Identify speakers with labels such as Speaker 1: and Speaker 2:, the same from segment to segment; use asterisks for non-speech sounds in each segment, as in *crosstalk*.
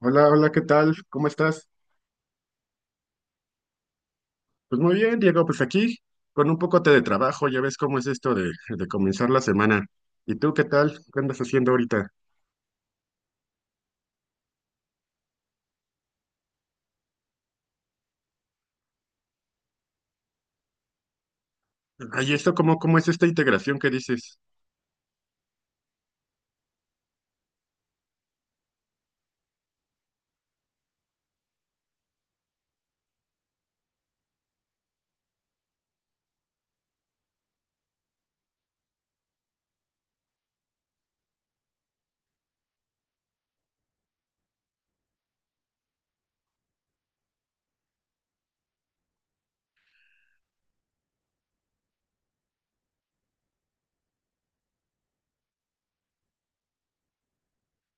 Speaker 1: Hola, hola, ¿qué tal? ¿Cómo estás? Pues muy bien, Diego, pues aquí con un poco de trabajo, ya ves cómo es esto de comenzar la semana. ¿Y tú qué tal? ¿Qué andas haciendo ahorita? Ay, esto cómo es esta integración que dices?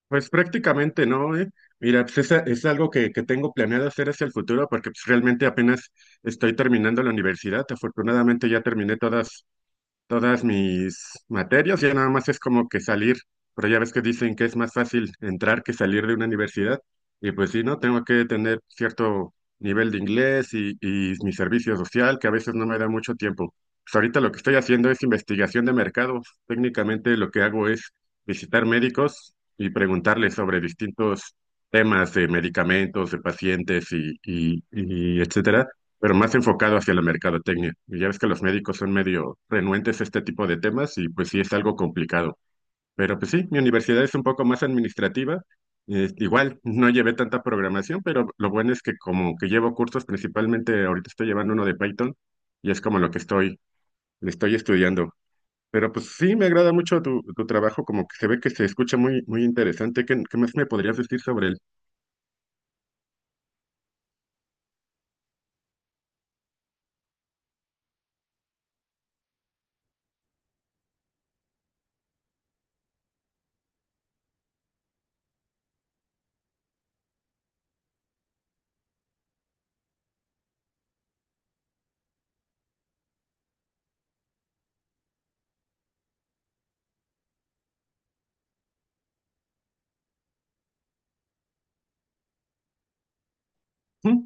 Speaker 1: Pues prácticamente, ¿no? Mira, pues es, algo que tengo planeado hacer hacia el futuro porque pues, realmente apenas estoy terminando la universidad. Afortunadamente ya terminé todas mis materias, ya nada más es como que salir, pero ya ves que dicen que es más fácil entrar que salir de una universidad, y pues sí, ¿no? Tengo que tener cierto nivel de inglés y mi servicio social, que a veces no me da mucho tiempo. Pues ahorita lo que estoy haciendo es investigación de mercados. Técnicamente lo que hago es visitar médicos y preguntarles sobre distintos temas de medicamentos, de pacientes y etcétera, pero más enfocado hacia la mercadotecnia. Y ya ves que los médicos son medio renuentes a este tipo de temas y pues sí es algo complicado. Pero pues sí, mi universidad es un poco más administrativa. Igual no llevé tanta programación, pero lo bueno es que como que llevo cursos, principalmente ahorita estoy llevando uno de Python y es como lo que estoy, le estoy estudiando. Pero pues sí, me agrada mucho tu trabajo, como que se ve que se escucha muy, muy interesante. ¿Qué más me podrías decir sobre él?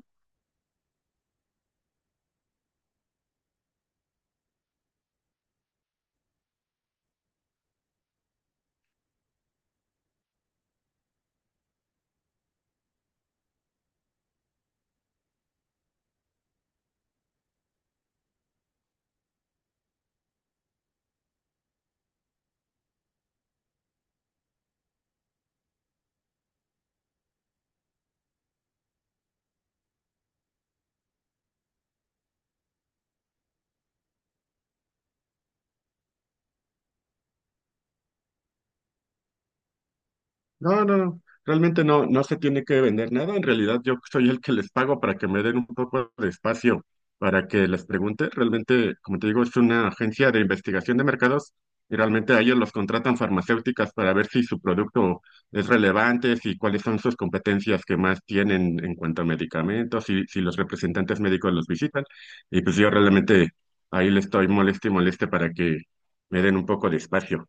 Speaker 1: No, no, no, realmente no, no se tiene que vender nada. En realidad, yo soy el que les pago para que me den un poco de espacio para que les pregunte. Realmente, como te digo, es una agencia de investigación de mercados, y realmente a ellos los contratan farmacéuticas para ver si su producto es relevante, si cuáles son sus competencias que más tienen en cuanto a medicamentos, si, si los representantes médicos los visitan. Y pues yo realmente ahí les estoy moleste y moleste para que me den un poco de espacio.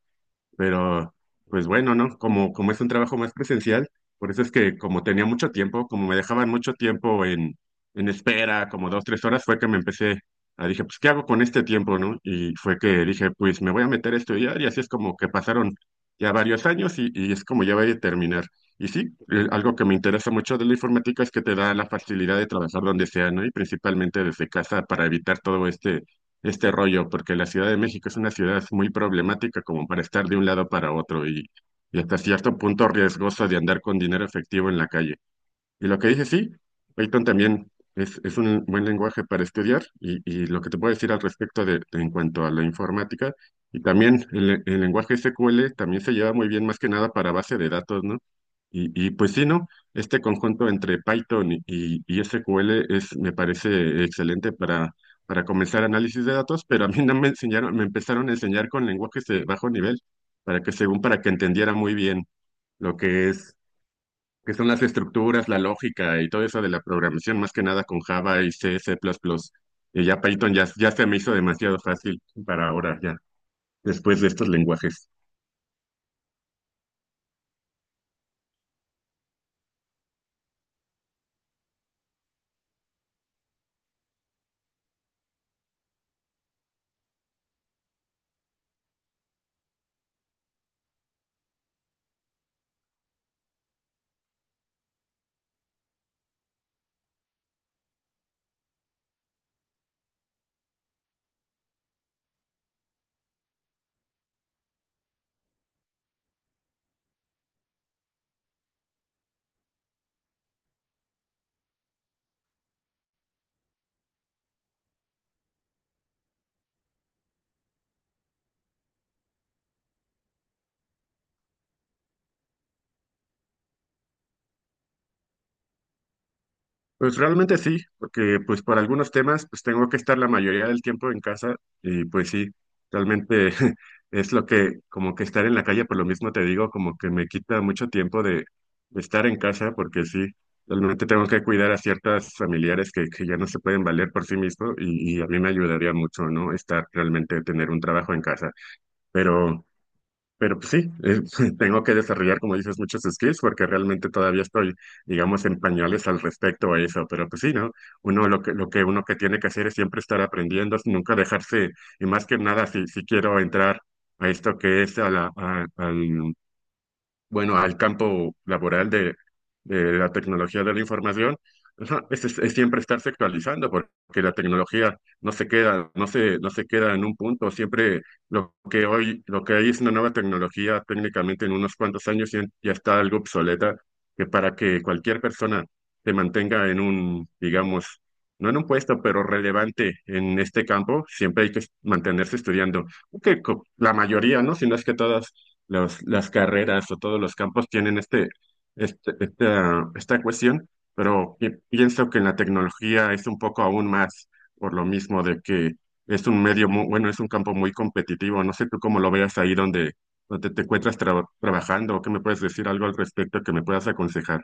Speaker 1: Pero, pues bueno, ¿no? Como es un trabajo más presencial, por eso es que como tenía mucho tiempo, como me dejaban mucho tiempo en espera, como dos, tres horas, fue que me empecé a dije, pues, ¿qué hago con este tiempo, no? Y fue que dije, pues me voy a meter a estudiar y así es como que pasaron ya varios años y es como ya voy a terminar. Y sí, algo que me interesa mucho de la informática es que te da la facilidad de trabajar donde sea, ¿no? Y principalmente desde casa para evitar todo este rollo, porque la Ciudad de México es una ciudad muy problemática como para estar de un lado para otro y hasta cierto punto riesgosa de andar con dinero efectivo en la calle. Y lo que dice, sí, Python también es un buen lenguaje para estudiar y lo que te puedo decir al respecto en cuanto a la informática, y también el lenguaje SQL también se lleva muy bien más que nada para base de datos, ¿no? Pues sí, ¿no? Este conjunto entre Python y SQL es, me parece excelente para comenzar análisis de datos, pero a mí no me enseñaron, me empezaron a enseñar con lenguajes de bajo nivel, para que según para que entendiera muy bien lo que es, que son las estructuras, la lógica y todo eso de la programación, más que nada con Java y C, C++. Y ya Python ya se me hizo demasiado fácil para ahora, ya, después de estos lenguajes. Pues realmente sí, porque pues por algunos temas pues tengo que estar la mayoría del tiempo en casa y pues sí, realmente *laughs* es lo que como que estar en la calle, por lo mismo te digo, como que me quita mucho tiempo de estar en casa porque sí, realmente tengo que cuidar a ciertas familiares que ya no se pueden valer por sí mismos y a mí me ayudaría mucho, ¿no? Estar realmente, tener un trabajo en casa, pero... Pero pues, sí, *laughs* tengo que desarrollar, como dices, muchos skills porque realmente todavía estoy, digamos, en pañales al respecto a eso. Pero pues sí, ¿no? Uno lo que uno que tiene que hacer es siempre estar aprendiendo, nunca dejarse, y más que nada, si, si quiero entrar a esto que es al bueno, al campo laboral de la tecnología de la información, ajá, es siempre estarse actualizando, porque la tecnología no se queda, no se queda en un punto, siempre lo que hoy, lo que hay es una nueva tecnología, técnicamente en unos cuantos años ya está algo obsoleta, que para que cualquier persona se mantenga en un, digamos, no en un puesto, pero relevante en este campo, siempre hay que mantenerse estudiando. Que la mayoría, ¿no? Si no es que todas las carreras o todos los campos tienen esta cuestión, pero pienso que en la tecnología es un poco aún más, por lo mismo de que es un medio muy, bueno, es un campo muy competitivo. No sé tú cómo lo veas ahí donde te encuentras trabajando o qué me puedes decir algo al respecto que me puedas aconsejar.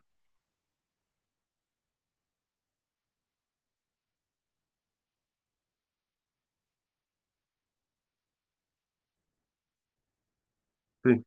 Speaker 1: Sí,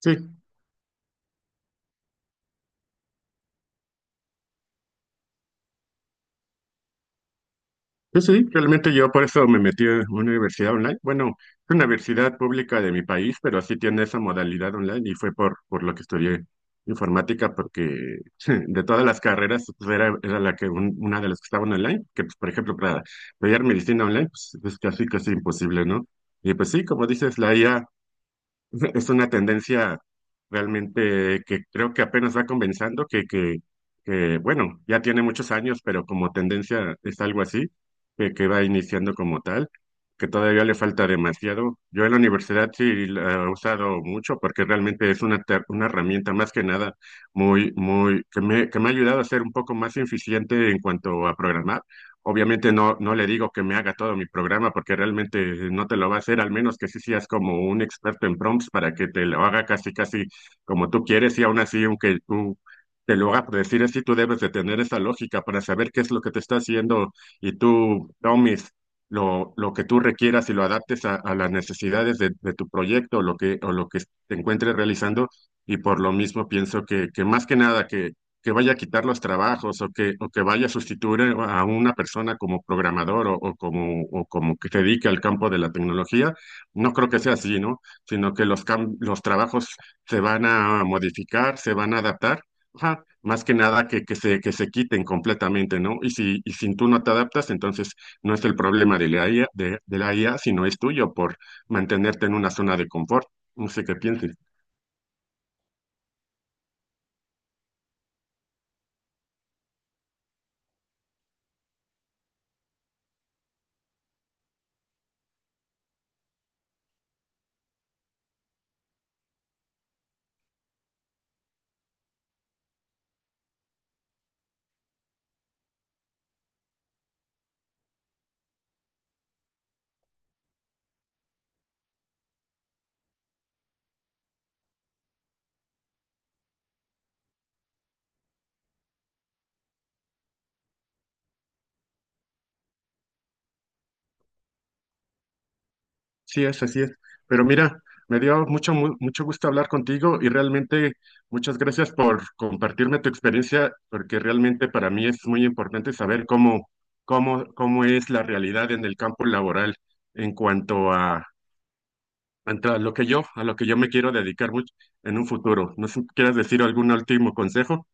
Speaker 1: sí. Sí, realmente yo por eso me metí en una universidad online. Bueno, es una universidad pública de mi país, pero sí tiene esa modalidad online y fue por lo que estudié informática, porque *laughs* de todas las carreras pues, era, era la que una de las que estaban online, que pues, por ejemplo para estudiar medicina online pues, es casi casi imposible, ¿no? Y pues sí, como dices, la I A. *laughs* Es una tendencia realmente que creo que apenas va comenzando, bueno, ya tiene muchos años, pero como tendencia es algo así, que va iniciando como tal, que todavía le falta demasiado. Yo en la universidad sí la he usado mucho porque realmente es una, una herramienta más que nada muy, muy, que me ha ayudado a ser un poco más eficiente en cuanto a programar. Obviamente no le digo que me haga todo mi programa porque realmente no te lo va a hacer, al menos que sí seas como un experto en prompts para que te lo haga casi casi como tú quieres y aún así, aunque tú te lo haga por decir así, tú debes de tener esa lógica para saber qué es lo que te está haciendo y tú tomes lo que tú requieras y lo adaptes a las necesidades de tu proyecto o lo que te encuentres realizando y por lo mismo pienso que más que nada que vaya a quitar los trabajos o que vaya a sustituir a una persona como programador o como que se dedique al campo de la tecnología, no creo que sea así, ¿no? Sino que los, los trabajos se van a modificar, se van a adaptar, ajá, más que nada que se quiten completamente, ¿no? Y si tú no te adaptas, entonces no es el problema de la IA, de la IA, sino es tuyo por mantenerte en una zona de confort. No sé qué pienses. Sí es, así es. Pero mira, me dio mucho, mucho gusto hablar contigo y realmente muchas gracias por compartirme tu experiencia, porque realmente para mí es muy importante saber cómo es la realidad en el campo laboral en cuanto a lo que yo, a lo que yo me quiero dedicar mucho en un futuro. No sé si quieres decir algún último consejo.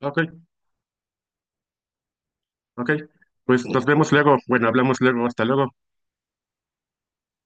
Speaker 1: Ok, ok. Pues nos vemos luego. Bueno, hablamos luego. Hasta luego.